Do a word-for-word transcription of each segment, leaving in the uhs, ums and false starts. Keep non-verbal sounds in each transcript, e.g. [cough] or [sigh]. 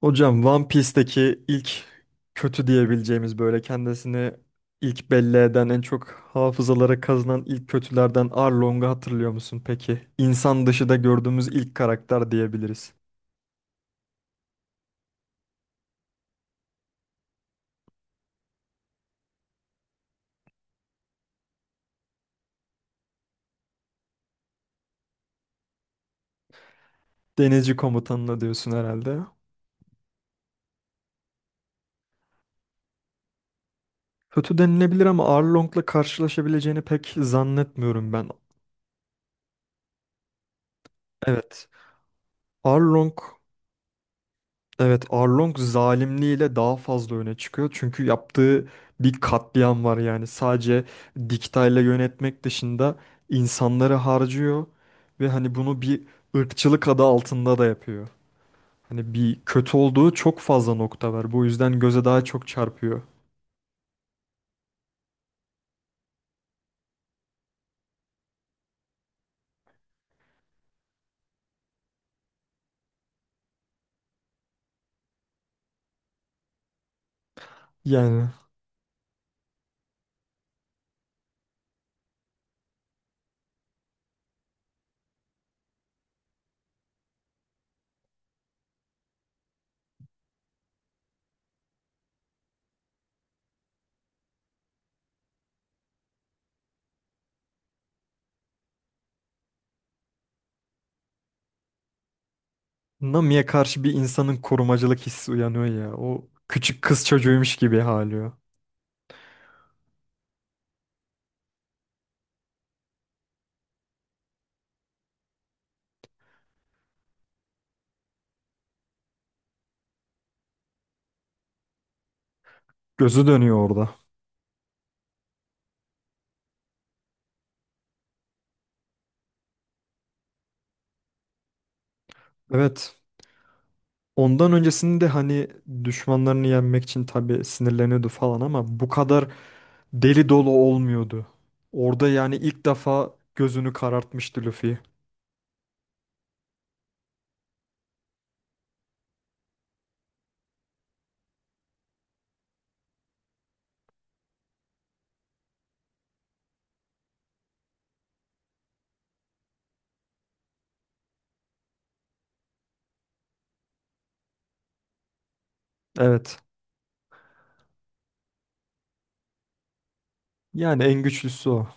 Hocam One Piece'teki ilk kötü diyebileceğimiz böyle kendisini ilk belli eden en çok hafızalara kazınan ilk kötülerden Arlong'u hatırlıyor musun peki? İnsan dışı da gördüğümüz ilk karakter diyebiliriz. Denizci komutanına diyorsun herhalde. Kötü denilebilir ama Arlong'la karşılaşabileceğini pek zannetmiyorum ben. Evet. Arlong, evet, Arlong zalimliğiyle daha fazla öne çıkıyor. Çünkü yaptığı bir katliam var yani. Sadece diktayla yönetmek dışında insanları harcıyor ve hani bunu bir ırkçılık adı altında da yapıyor. Hani bir kötü olduğu çok fazla nokta var. Bu yüzden göze daha çok çarpıyor. Yani Nami'ye karşı bir insanın korumacılık hissi uyanıyor ya. O küçük kız çocuğuymuş gibi hali o. Gözü dönüyor orada. Evet. Ondan öncesinde hani düşmanlarını yenmek için tabii sinirleniyordu falan ama bu kadar deli dolu olmuyordu. Orada yani ilk defa gözünü karartmıştı Luffy. Evet. Yani en güçlüsü o.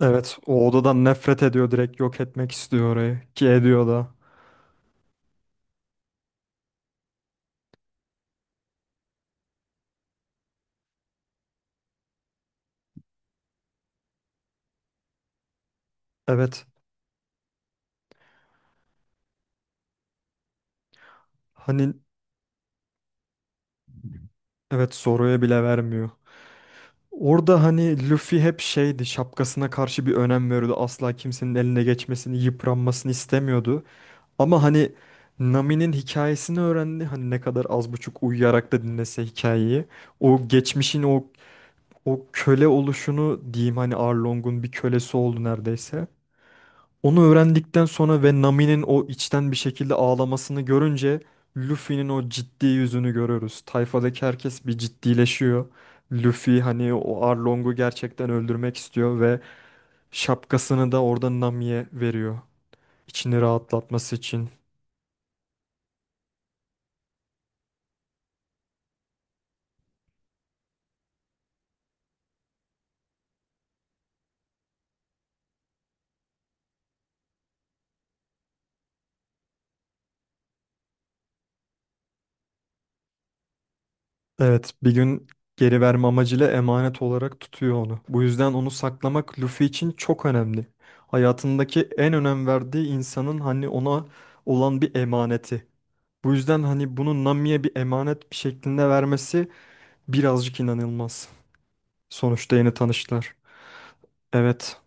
Evet, o odadan nefret ediyor, direkt yok etmek istiyor orayı ki ediyor da. Evet. Hani evet, Zoro'ya bile vermiyor. Orada hani Luffy hep şeydi, şapkasına karşı bir önem veriyordu. Asla kimsenin eline geçmesini, yıpranmasını istemiyordu. Ama hani Nami'nin hikayesini öğrendi. Hani ne kadar az buçuk uyuyarak da dinlese hikayeyi. O geçmişin o o köle oluşunu diyeyim, hani Arlong'un bir kölesi oldu neredeyse. Onu öğrendikten sonra ve Nami'nin o içten bir şekilde ağlamasını görünce Luffy'nin o ciddi yüzünü görüyoruz. Tayfadaki herkes bir ciddileşiyor. Luffy hani o Arlong'u gerçekten öldürmek istiyor ve şapkasını da orada Nami'ye veriyor. İçini rahatlatması için. Evet, bir gün geri verme amacıyla emanet olarak tutuyor onu. Bu yüzden onu saklamak Luffy için çok önemli. Hayatındaki en önem verdiği insanın hani ona olan bir emaneti. Bu yüzden hani bunu Nami'ye bir emanet bir şeklinde vermesi birazcık inanılmaz. Sonuçta yeni tanıştılar. Evet,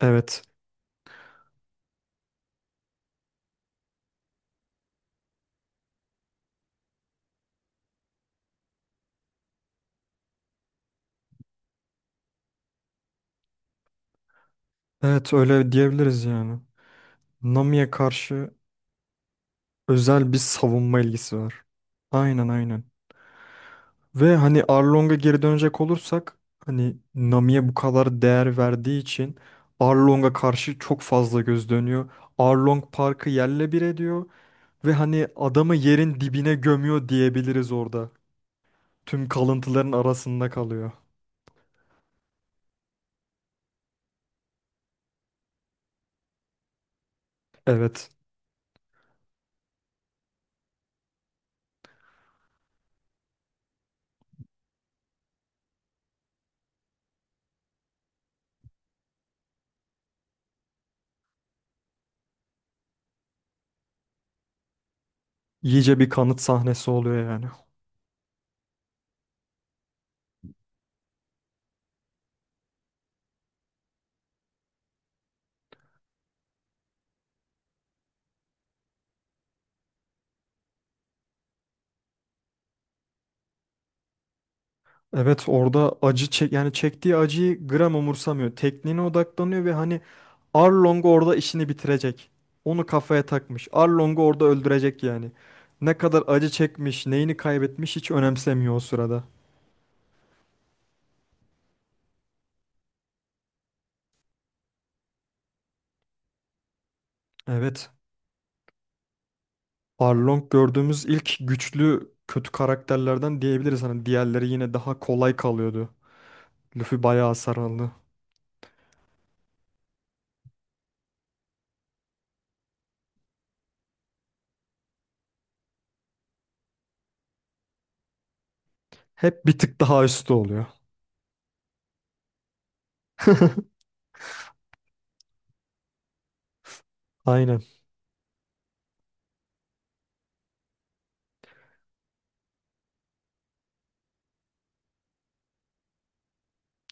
evet, evet, öyle diyebiliriz yani. Nami'ye karşı özel bir savunma ilgisi var. Aynen, aynen. Ve hani Arlong'a geri dönecek olursak hani Nami'ye bu kadar değer verdiği için Arlong'a karşı çok fazla göz dönüyor. Arlong Park'ı yerle bir ediyor ve hani adamı yerin dibine gömüyor diyebiliriz orada. Tüm kalıntıların arasında kalıyor. Evet. İyice bir kanıt sahnesi oluyor yani. Evet, orada acı çek yani, çektiği acıyı gram umursamıyor. Tekniğine odaklanıyor ve hani Arlong orada işini bitirecek. Onu kafaya takmış. Arlong'u orada öldürecek yani. Ne kadar acı çekmiş, neyini kaybetmiş hiç önemsemiyor o sırada. Evet. Arlong gördüğümüz ilk güçlü kötü karakterlerden diyebiliriz. Hani diğerleri yine daha kolay kalıyordu. Luffy bayağı hasar aldı. Hep bir tık daha üstü oluyor. [laughs] Aynen.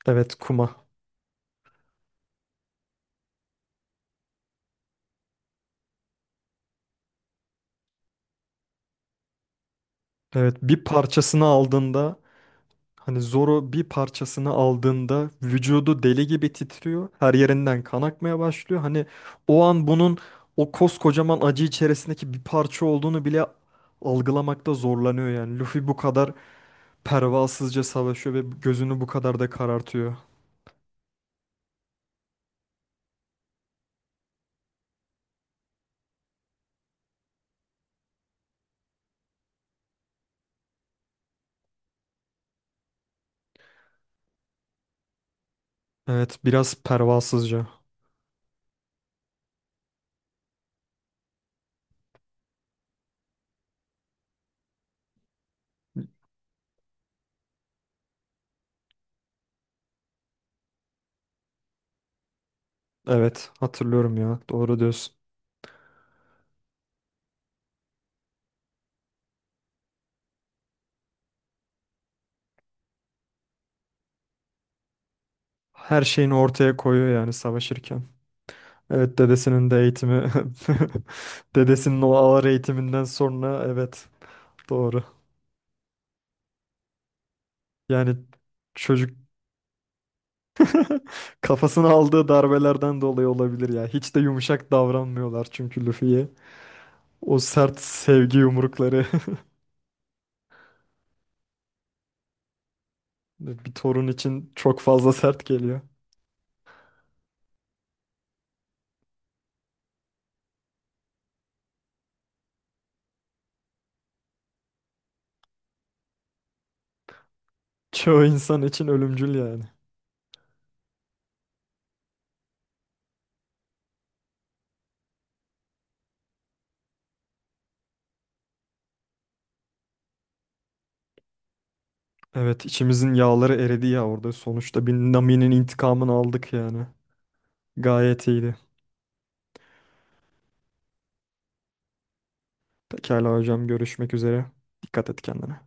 Evet, kuma. Evet, bir parçasını aldığında hani Zoro bir parçasını aldığında vücudu deli gibi titriyor. Her yerinden kan akmaya başlıyor. Hani o an bunun o koskocaman acı içerisindeki bir parça olduğunu bile algılamakta zorlanıyor yani. Luffy bu kadar pervasızca savaşıyor ve gözünü bu kadar da karartıyor. Evet, biraz pervasızca. Evet, hatırlıyorum ya, doğru diyorsun. Her şeyini ortaya koyuyor yani savaşırken. Evet, dedesinin de eğitimi. [laughs] Dedesinin o ağır eğitiminden sonra, evet, doğru. Yani çocuk kafasına aldığı darbelerden dolayı olabilir ya. Hiç de yumuşak davranmıyorlar çünkü Luffy'ye. O sert sevgi yumrukları. [laughs] Bir torun için çok fazla sert geliyor. Çoğu insan için ölümcül yani. Evet, içimizin yağları eridi ya orada. Sonuçta bir Nami'nin intikamını aldık yani. Gayet iyiydi. Pekala hocam, görüşmek üzere. Dikkat et kendine.